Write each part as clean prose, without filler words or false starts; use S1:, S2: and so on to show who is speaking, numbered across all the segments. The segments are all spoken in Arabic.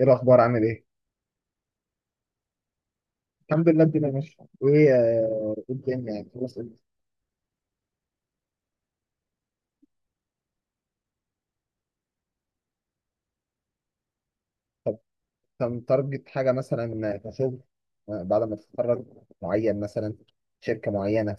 S1: ايه الاخبار؟ عامل ايه؟ الحمد لله، الدنيا ماشيه. ايه إيه الدنيا يعني؟ خلاص، إنت متارجت حاجه مثلا كشغل؟ بعد ما تتخرج؟ معين مثلا؟ شركه معينه؟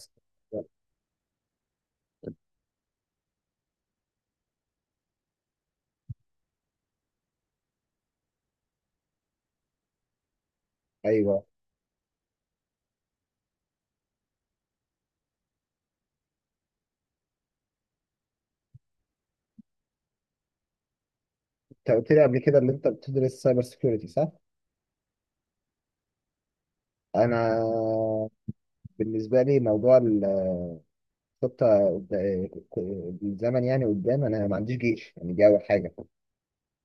S1: ايوه، انت قلت لي قبل كده اللي انت بتدرس سايبر سيكيورتي، صح؟ انا بالنسبه لي موضوع الخطه، قد- الزمن يعني قدام، انا ما عنديش جيش يعني، دي اول حاجه.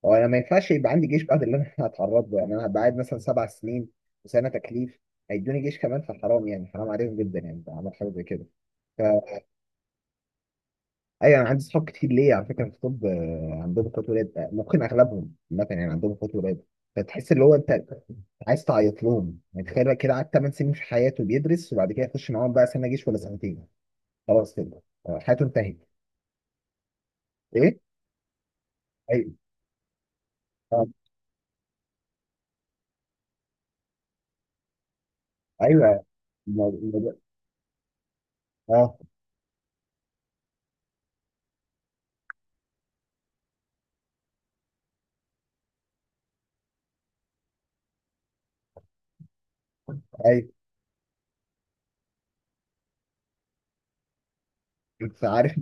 S1: هو انا ما ينفعش يبقى عندي جيش بعد اللي انا هتعرض له يعني، انا هبقى قاعد مثلا سبع سنين وسنه تكليف، هيدوني جيش كمان، فحرام يعني، حرام عليهم جدا يعني لو عملت حاجه زي كده. فا ايوه، انا عندي صحاب كتير ليه على فكره في طب، عندهم اخوات ولاد، ممكن اغلبهم مثلا يعني عندهم اخوات ولاد. فتحس اللي هو انت عايز تعيط لهم. يعني تخيل بقى كده، قعد 8 سنين في حياته بيدرس، وبعد كده يخش معاهم بقى سنه جيش ولا سنتين، خلاص كده. حياته انتهت. ايه؟ ايوه. آه. ايوه. الموضوع- اه. ايوه، انت عارف.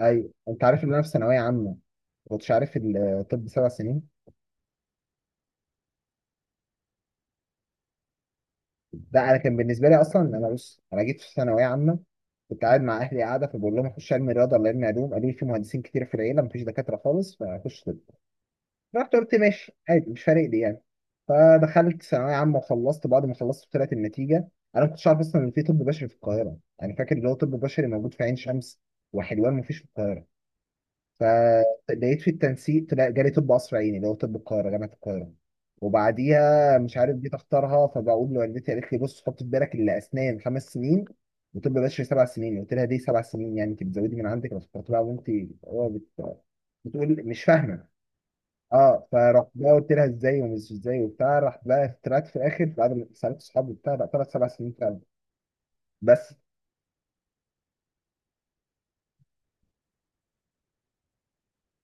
S1: ايوه، انت عارف ان انا في ثانويه عامه ما كنتش عارف الطب سبع سنين. لا، انا كان بالنسبه لي اصلا، انا بص، انا جيت في ثانويه عامه، كنت قاعد مع اهلي قاعده، فبقول لهم اخش علم رياضه ولا علم علوم، قالوا لي في مهندسين كتير في العيله، مفيش دكاتره خالص، فاخش طب. رحت قلت ماشي عادي، مش فارق لي يعني. فدخلت ثانويه عامه وخلصت، بعد ما خلصت طلعت النتيجه. انا ما كنتش عارف اصلا ان في طب بشري في القاهره، يعني فاكر اللي هو طب بشري موجود في عين شمس وحلوان، مفيش في القاهره. فلقيت في التنسيق طلع جالي طب قصر عيني، اللي هو طب القاهرة، جامعة القاهرة. وبعديها مش عارف جيت اختارها، فبقول لوالدتي، قالت لي بص، حط في بالك اللي اسنان خمس سنين وطب بشري سبع سنين. قلت لها دي سبع سنين يعني؟ انت بتزودي من عندك بس بقى، وانت هو بت... بتقول مش فاهمه. اه، فرحت بقى قلت لها ازاي ومش ازاي وبتاع، راح بقى طلعت في الاخر بعد ما سالت صحابي وبتاع، لا طلعت سبع سنين فعلا. بس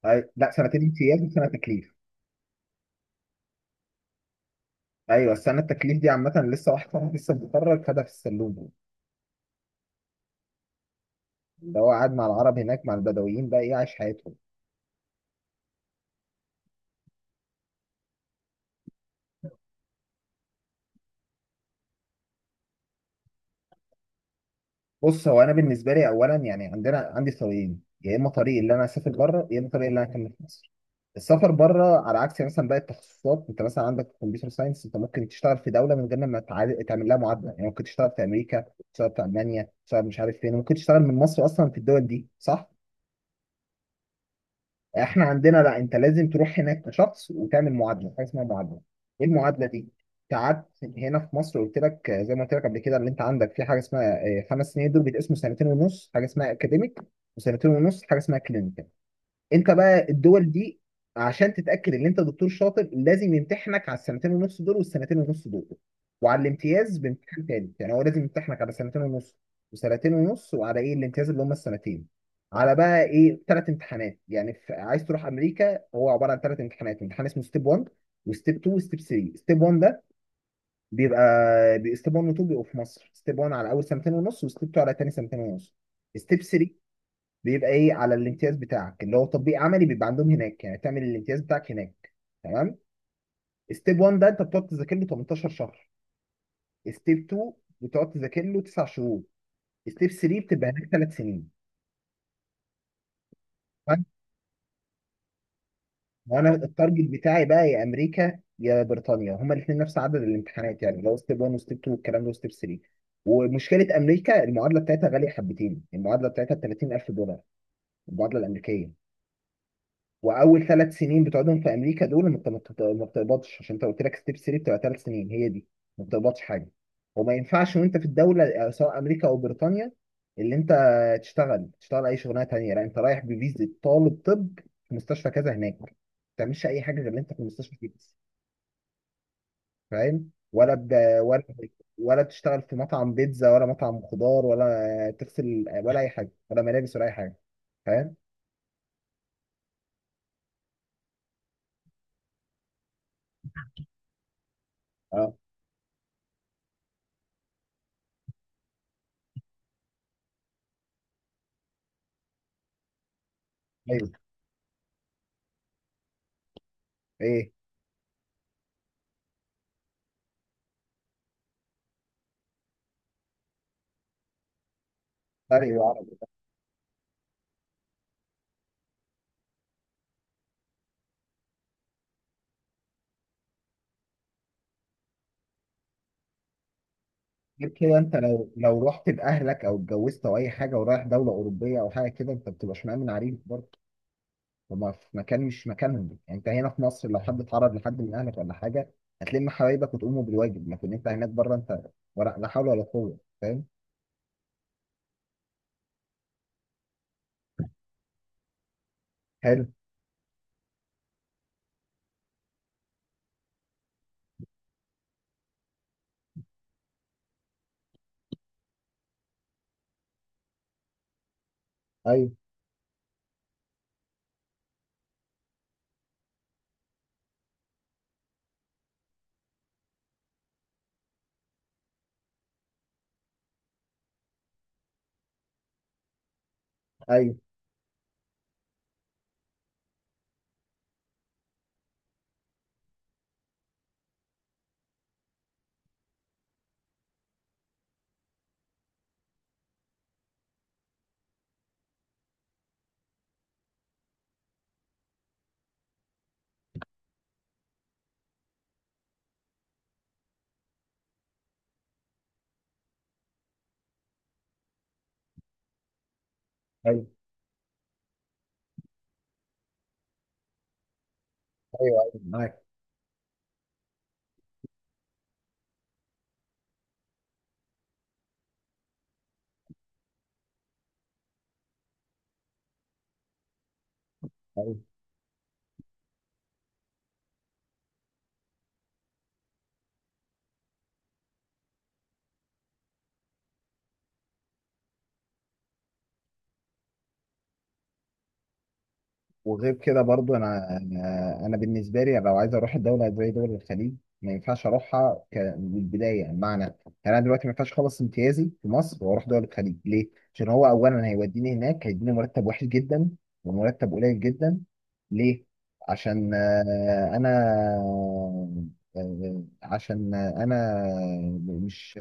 S1: لا، سنتين امتياز وسنه تكليف. ايوه، السنه التكليف دي عامه، لسه واحد صاحبي لسه متخرج خدها في السلوم، اللي هو قاعد مع العرب هناك، مع البدويين بقى، ايه، عايش حياتهم. بص، هو انا بالنسبه لي اولا يعني عندي طريقين، يا اما طريق اللي انا اسافر بره، يا اما طريق اللي انا اكمل في مصر. السفر بره، على عكس مثلا باقي التخصصات، انت مثلا عندك كمبيوتر ساينس انت ممكن تشتغل في دوله من غير ما تعمل لها معادله، يعني ممكن تشتغل في امريكا، تشتغل في المانيا، تشتغل مش عارف فين، ممكن تشتغل من مصر اصلا في الدول دي، صح؟ احنا عندنا لا، انت لازم تروح هناك كشخص وتعمل معادله، حاجه اسمها معادله. ايه المعادله دي؟ انت قعدت هنا في مصر، قلت لك زي ما قلت لك قبل كده، اللي انت عندك في حاجه اسمها خمس سنين، دول بيتقسموا سنتين ونص حاجه اسمها اكاديميك، وسنتين ونص حاجه اسمها كلينيكال. انت بقى الدول دي عشان تتاكد ان انت دكتور شاطر، لازم يمتحنك على السنتين ونص دول والسنتين ونص دول، وعلى الامتياز بامتحان تاني. يعني هو لازم يمتحنك على سنتين ونص وسنتين ونص، وعلى ايه، الامتياز اللي هم السنتين. على بقى ايه، ثلاث امتحانات يعني. عايز تروح امريكا، هو عباره عن ثلاث امتحانات، امتحان اسمه ستيب 1 وستيب 2 وستيب 3. ستيب 1 ده بيبقى، ستيب 1 و 2 بيبقوا في مصر، ستيب 1 على اول سنتين ونص، وستيب 2 على تاني سنتين ونص. ستيب 3 بيبقى ايه، على الامتياز بتاعك، اللي هو تطبيق عملي، بيبقى عندهم هناك، يعني تعمل الامتياز بتاعك هناك، تمام؟ ستيب 1 ده انت بتقعد تذاكر له 18 شهر، ستيب 2 بتقعد تذاكر له 9 شهور، ستيب 3 بتبقى هناك 3 سنين، فاهم؟ وانا التارجت بتاعي بقى يا امريكا يا بريطانيا، هما الاثنين نفس عدد الامتحانات، يعني اللي هو ستيب 1 وستيب 2 والكلام ده وستيب 3. ومشكله امريكا، المعادله بتاعتها غاليه حبتين، المعادله بتاعتها ب 30,000 دولار، المعادله الامريكيه. واول ثلاث سنين بتقعدهم في امريكا دول انت ما بتقبضش، عشان انت قلت لك ستيب 3 بتبقى ثلاث سنين، هي دي، ما بتقبضش حاجه. وما ينفعش وانت في الدوله، سواء امريكا او بريطانيا، اللي انت تشتغل اي شغلانه تانيه، لا انت رايح بفيزا طالب طب في مستشفى كذا هناك، ما بتعملش اي حاجه غير اللي انت في المستشفى دي بس. فاهم ولا ولا تشتغل في مطعم بيتزا ولا مطعم خضار ولا تغسل ولا اي حاجه ولا ملابس ولا اي حاجه، فاهم؟ اه. ايوه. ايه فرق؟ غير كده انت لو رحت باهلك او اتجوزت او اي حاجه ورايح دوله اوروبيه او حاجه كده، انت بتبقاش مأمن عليك برضه. هما في مكان مش مكانهم يعني. انت هنا في مصر لو حد اتعرض لحد من اهلك ولا حاجه، هتلم حبايبك وتقوموا بالواجب، لكن انت هناك بره، انت ولا لا حول ولا قوه، فاهم؟ حلو. ايوه، ايوه، ايوه، ايوه، ايوه معاك. ايوه، وغير كده برضو انا انا أنا بالنسبه لي لو عايز اروح الدوله زي دول الخليج، ما ينفعش اروحها من البدايه، بمعنى يعني انا دلوقتي ما ينفعش اخلص امتيازي في مصر واروح دول الخليج. ليه؟ عشان هو اولا هيوديني هناك هيديني مرتب وحش جدا ومرتب قليل جدا. ليه؟ عشان انا عشان انا مش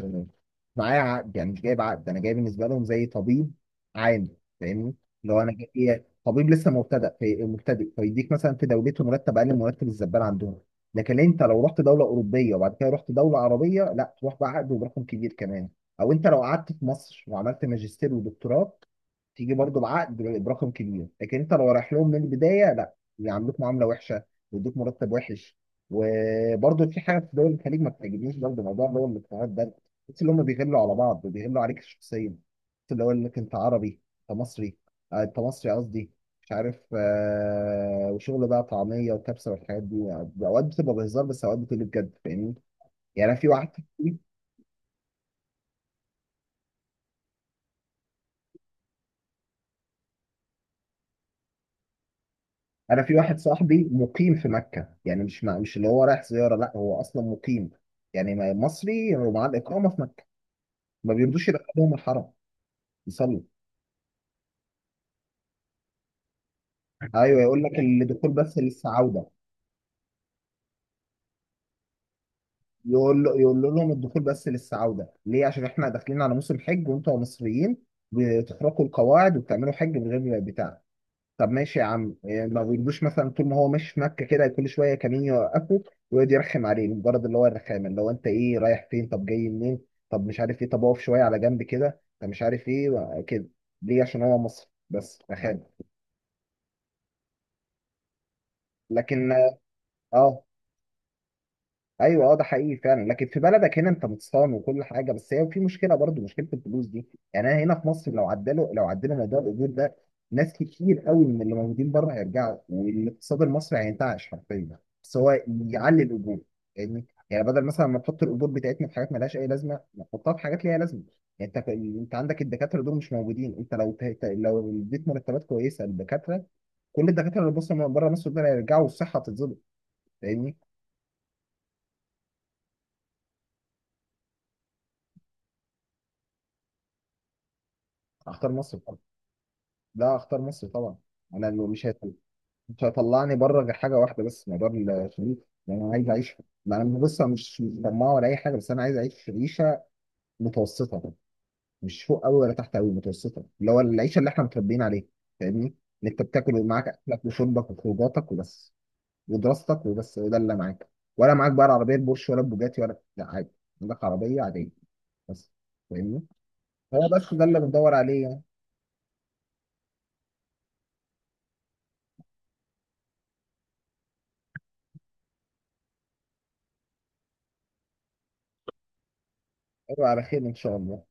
S1: معايا عقد، يعني مش جايب عقد، انا جاي بالنسبه لهم زي طبيب عام، فاهمني؟ لو انا جاي طبيب لسه مبتدأ في مبتدئ فيديك مثلا في دولته مرتب اقل من مرتب الزبال عندهم. لكن انت لو رحت دوله اوروبيه وبعد كده رحت دوله عربيه، لا، تروح بعقد وبرقم كبير كمان. او انت لو قعدت في مصر وعملت ماجستير ودكتوراه، تيجي برضو بعقد برقم كبير. لكن انت لو رايح لهم من البدايه، لا، يعاملوك معامله وحشه ويدوك مرتب وحش. وبرضو في حاجه في دول الخليج ما بتعجبنيش، برضو موضوع اللي هو الاقتراض ده، بس اللي هم بيغلوا على بعض وبيغلوا عليك شخصيا، بس اللي هو انك انت عربي، انت مصري. انت مصري قصدي. مش عارف، وشغل بقى طعميه وكبسه والحاجات دي، يعني اوقات بتبقى بهزار، بس اوقات بتبقى بجد، فاهمني؟ يعني انا في واحد، انا في واحد صاحبي مقيم في مكه، يعني مش اللي هو رايح زياره، لا هو اصلا مقيم، يعني مصري ومعاه الاقامه في مكه، ما بيرضوش يدخلهم الحرم يصلوا. ايوه، يقول لك الدخول بس للسعوده، يقول لهم الدخول بس للسعوده، ليه؟ عشان احنا داخلين على موسم حج وانتوا مصريين بتخرقوا القواعد وبتعملوا حج من غير بتاع. طب ماشي يا عم، يعني ما بيجيبوش مثلا، طول ما هو ماشي في مكه كده كل شويه كمين يوقفه ويقعد يرخم عليه، مجرد اللي هو الرخامه، اللي هو انت ايه، رايح فين، طب جاي منين، طب مش عارف ايه، طب اقف شويه على جنب كده، طب مش عارف ايه كده. ليه؟ عشان هو مصري، بس رخامه. لكن اه، ايوه اه، ده حقيقي فعلا. لكن في بلدك هنا انت متصان وكل حاجه، بس هي في مشكله، برضو مشكله الفلوس دي. يعني انا هنا في مصر لو عدلوا موضوع الاجور ده، ناس كتير قوي من اللي موجودين بره هيرجعوا، والاقتصاد المصري هينتعش حرفيا، بس هو يعلي الاجور. يعني بدل مثلا ما نحط الاجور بتاعتنا في حاجات مالهاش اي لازمه، نحطها في حاجات ليها لازمه. يعني انت عندك الدكاتره دول مش موجودين، انت لو لو اديت مرتبات كويسه للدكاتره، كل الدكاتره اللي بصوا من بره مصر دول هيرجعوا والصحه هتتظبط، فاهمني؟ اختار مصر. لا، اختار مصر طبعا. انا اللي مش هيطل... مش هيطلعني بره غير حاجه واحده بس، موضوع الشريف. يعني انا عايز اعيش، ما انا بص، أنا مش طماع ولا اي حاجه، بس انا عايز اعيش عيشه متوسطه، مش فوق قوي ولا تحت قوي، متوسطه، اللي هو العيشه اللي احنا متربيين عليها، فاهمني؟ اللي انت بتاكل ومعاك اكلك وشربك وخروجاتك وبس، ودراستك وبس، ده اللي معاك. ولا معاك بقى العربيه البورش ولا البوجاتي ولا؟ لا، عادي، عندك عربيه عاديه بس، فاهمني؟ هو بس ده اللي بندور عليه يعني. أيوة، على خير ان شاء الله.